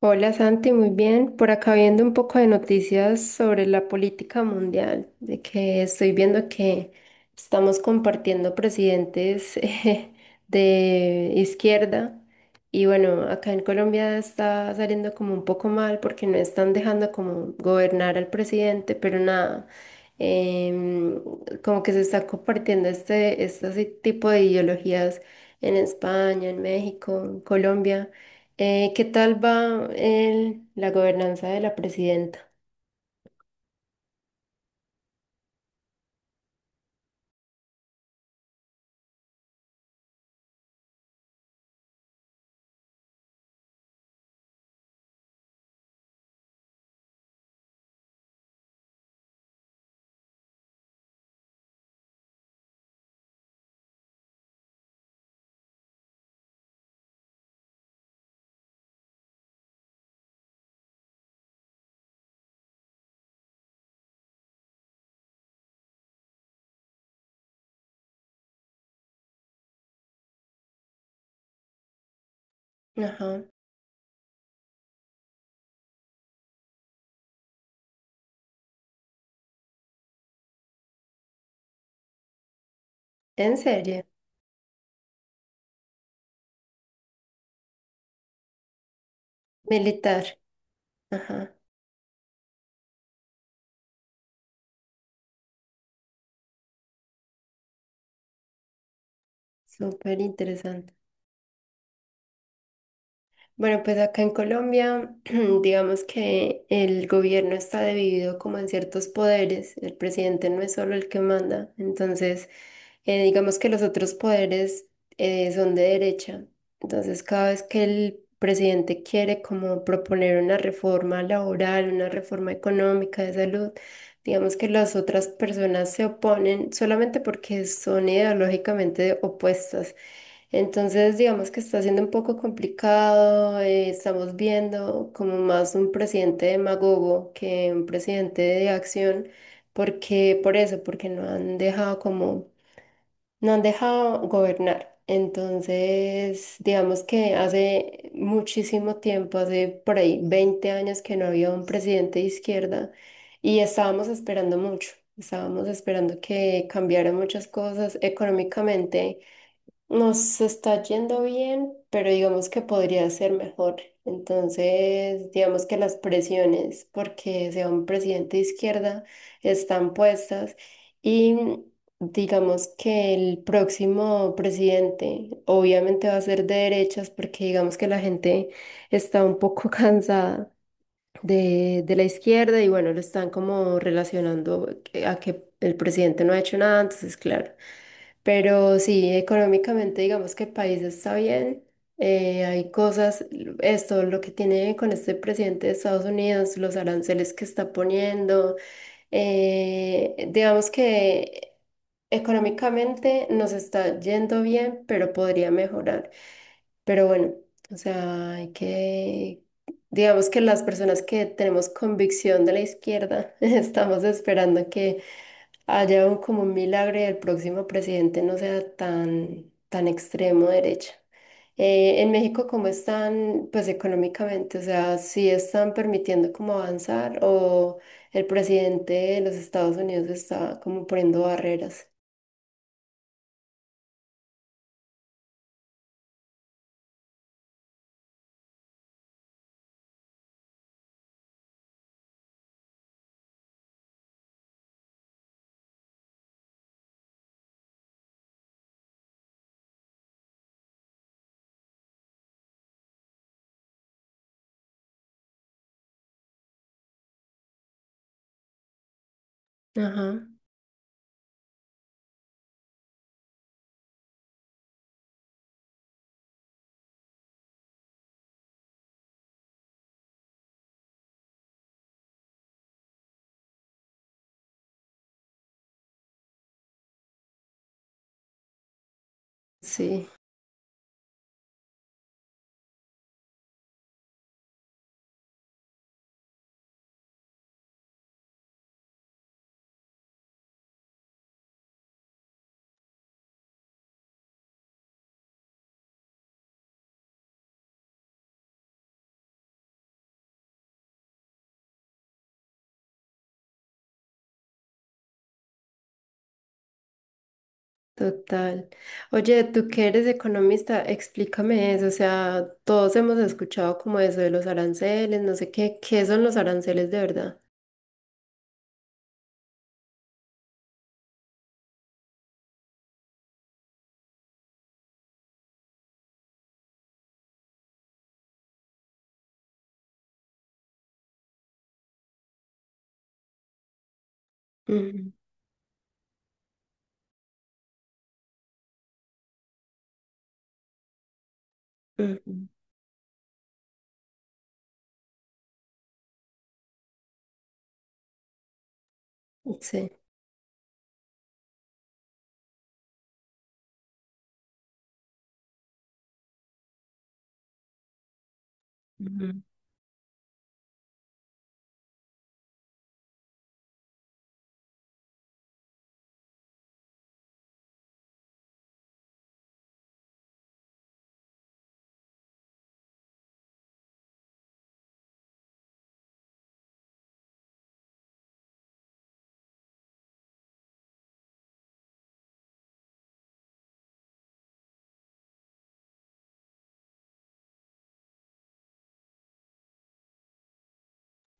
Hola Santi, muy bien. Por acá viendo un poco de noticias sobre la política mundial, de que estoy viendo que estamos compartiendo presidentes de izquierda. Y bueno, acá en Colombia está saliendo como un poco mal porque no están dejando como gobernar al presidente, pero nada, em, como que se está compartiendo este tipo de ideologías en España, en México, en Colombia. ¿Qué tal va la gobernanza de la presidenta? Ajá. ¿En serio? Militar. Ajá, súper interesante. Bueno, pues acá en Colombia, digamos que el gobierno está dividido como en ciertos poderes. El presidente no es solo el que manda. Entonces, digamos que los otros poderes son de derecha. Entonces, cada vez que el presidente quiere como proponer una reforma laboral, una reforma económica de salud, digamos que las otras personas se oponen solamente porque son ideológicamente opuestas. Entonces, digamos que está siendo un poco complicado. Estamos viendo como más un presidente demagogo que un presidente de acción, porque por eso, porque no han dejado como, no han dejado gobernar. Entonces, digamos que hace muchísimo tiempo, hace por ahí 20 años que no había un presidente de izquierda y estábamos esperando mucho. Estábamos esperando que cambiaran muchas cosas económicamente. Nos está yendo bien, pero digamos que podría ser mejor. Entonces, digamos que las presiones, porque sea un presidente de izquierda, están puestas y digamos que el próximo presidente obviamente va a ser de derechas, porque digamos que la gente está un poco cansada de la izquierda. Y bueno, lo están como relacionando a que el presidente no ha hecho nada, entonces, claro. Pero sí, económicamente digamos que el país está bien. Hay cosas, esto lo que tiene con este presidente de Estados Unidos, los aranceles que está poniendo, digamos que económicamente nos está yendo bien, pero podría mejorar. Pero bueno, o sea, hay que, digamos que las personas que tenemos convicción de la izquierda, estamos esperando que allá un, como un milagro, y el próximo presidente no sea tan, tan extremo derecha. En México, ¿cómo están, pues económicamente? O sea, ¿si están permitiendo como avanzar o el presidente de los Estados Unidos está como poniendo barreras? Ajá, sí, total. Oye, tú que eres economista, explícame eso. O sea, todos hemos escuchado como eso de los aranceles, no sé qué, ¿qué son los aranceles de verdad? Ujú, ujú. Sí. Ujú.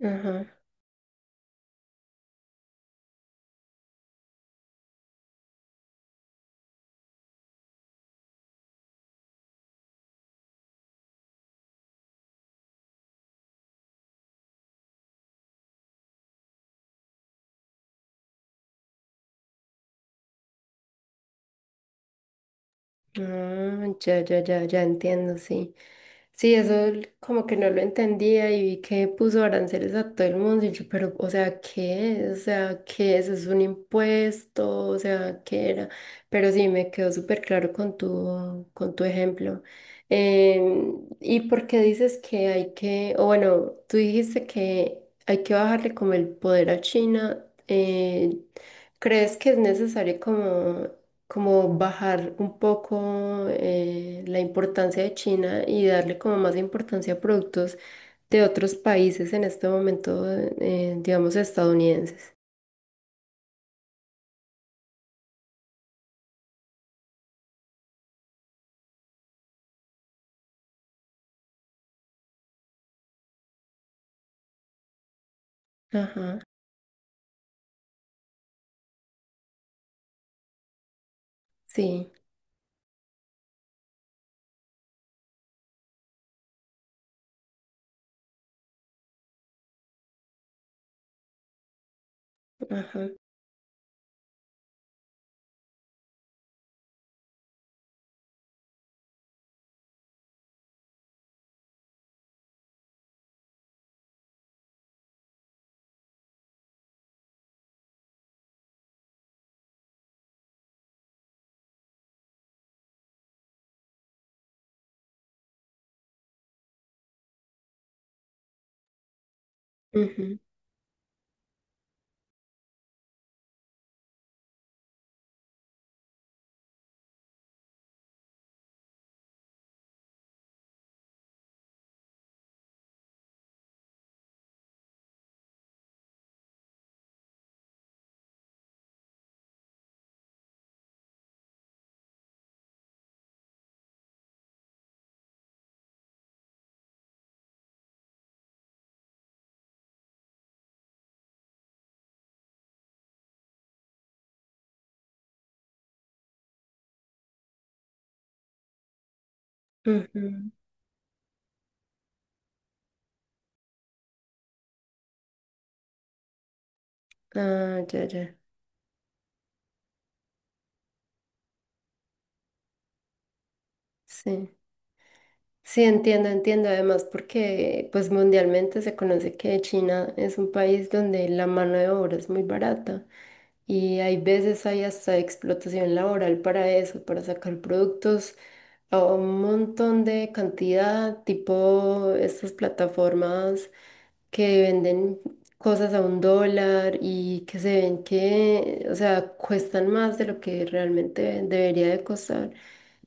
Ajá. Ah, ya, ya, ya, ya entiendo, sí. Sí, eso l- como que no lo entendía y vi que puso aranceles a todo el mundo y yo, pero, o sea, ¿qué? O sea, ¿qué es? ¿Es un impuesto? O sea, ¿qué era? Pero sí, me quedó súper claro con con tu ejemplo. ¿Y por qué dices que hay que, o bueno, tú dijiste que hay que bajarle como el poder a China? ¿Crees que es necesario como como bajar un poco la importancia de China y darle como más importancia a productos de otros países en este momento, digamos, estadounidenses? Ajá, sí, ajá. Ujú, ujú. Ah, ya, ya, sí. Sí, entiendo, entiendo. Además, porque pues mundialmente se conoce que China es un país donde la mano de obra es muy barata y hay veces hay hasta explotación laboral para eso, para sacar productos o un montón de cantidad, tipo estas plataformas que venden cosas a un dólar y que se ven que, o sea, cuestan más de lo que realmente debería de costar.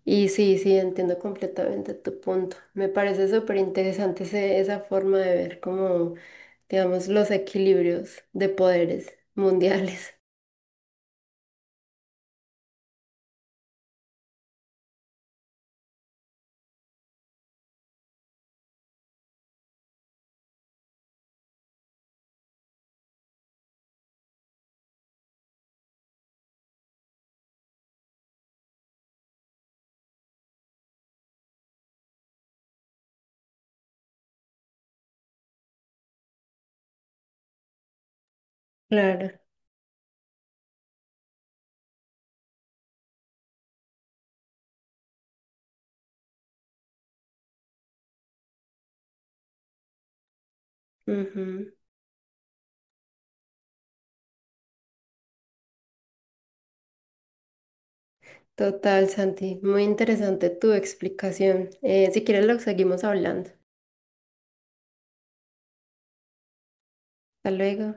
Y sí, sí, entiendo completamente tu punto. Me parece súper interesante esa forma de ver como, digamos, los equilibrios de poderes mundiales. Claro. Ujú. Total, Santi. Muy interesante tu explicación. Si quieres, lo seguimos hablando. Hasta luego.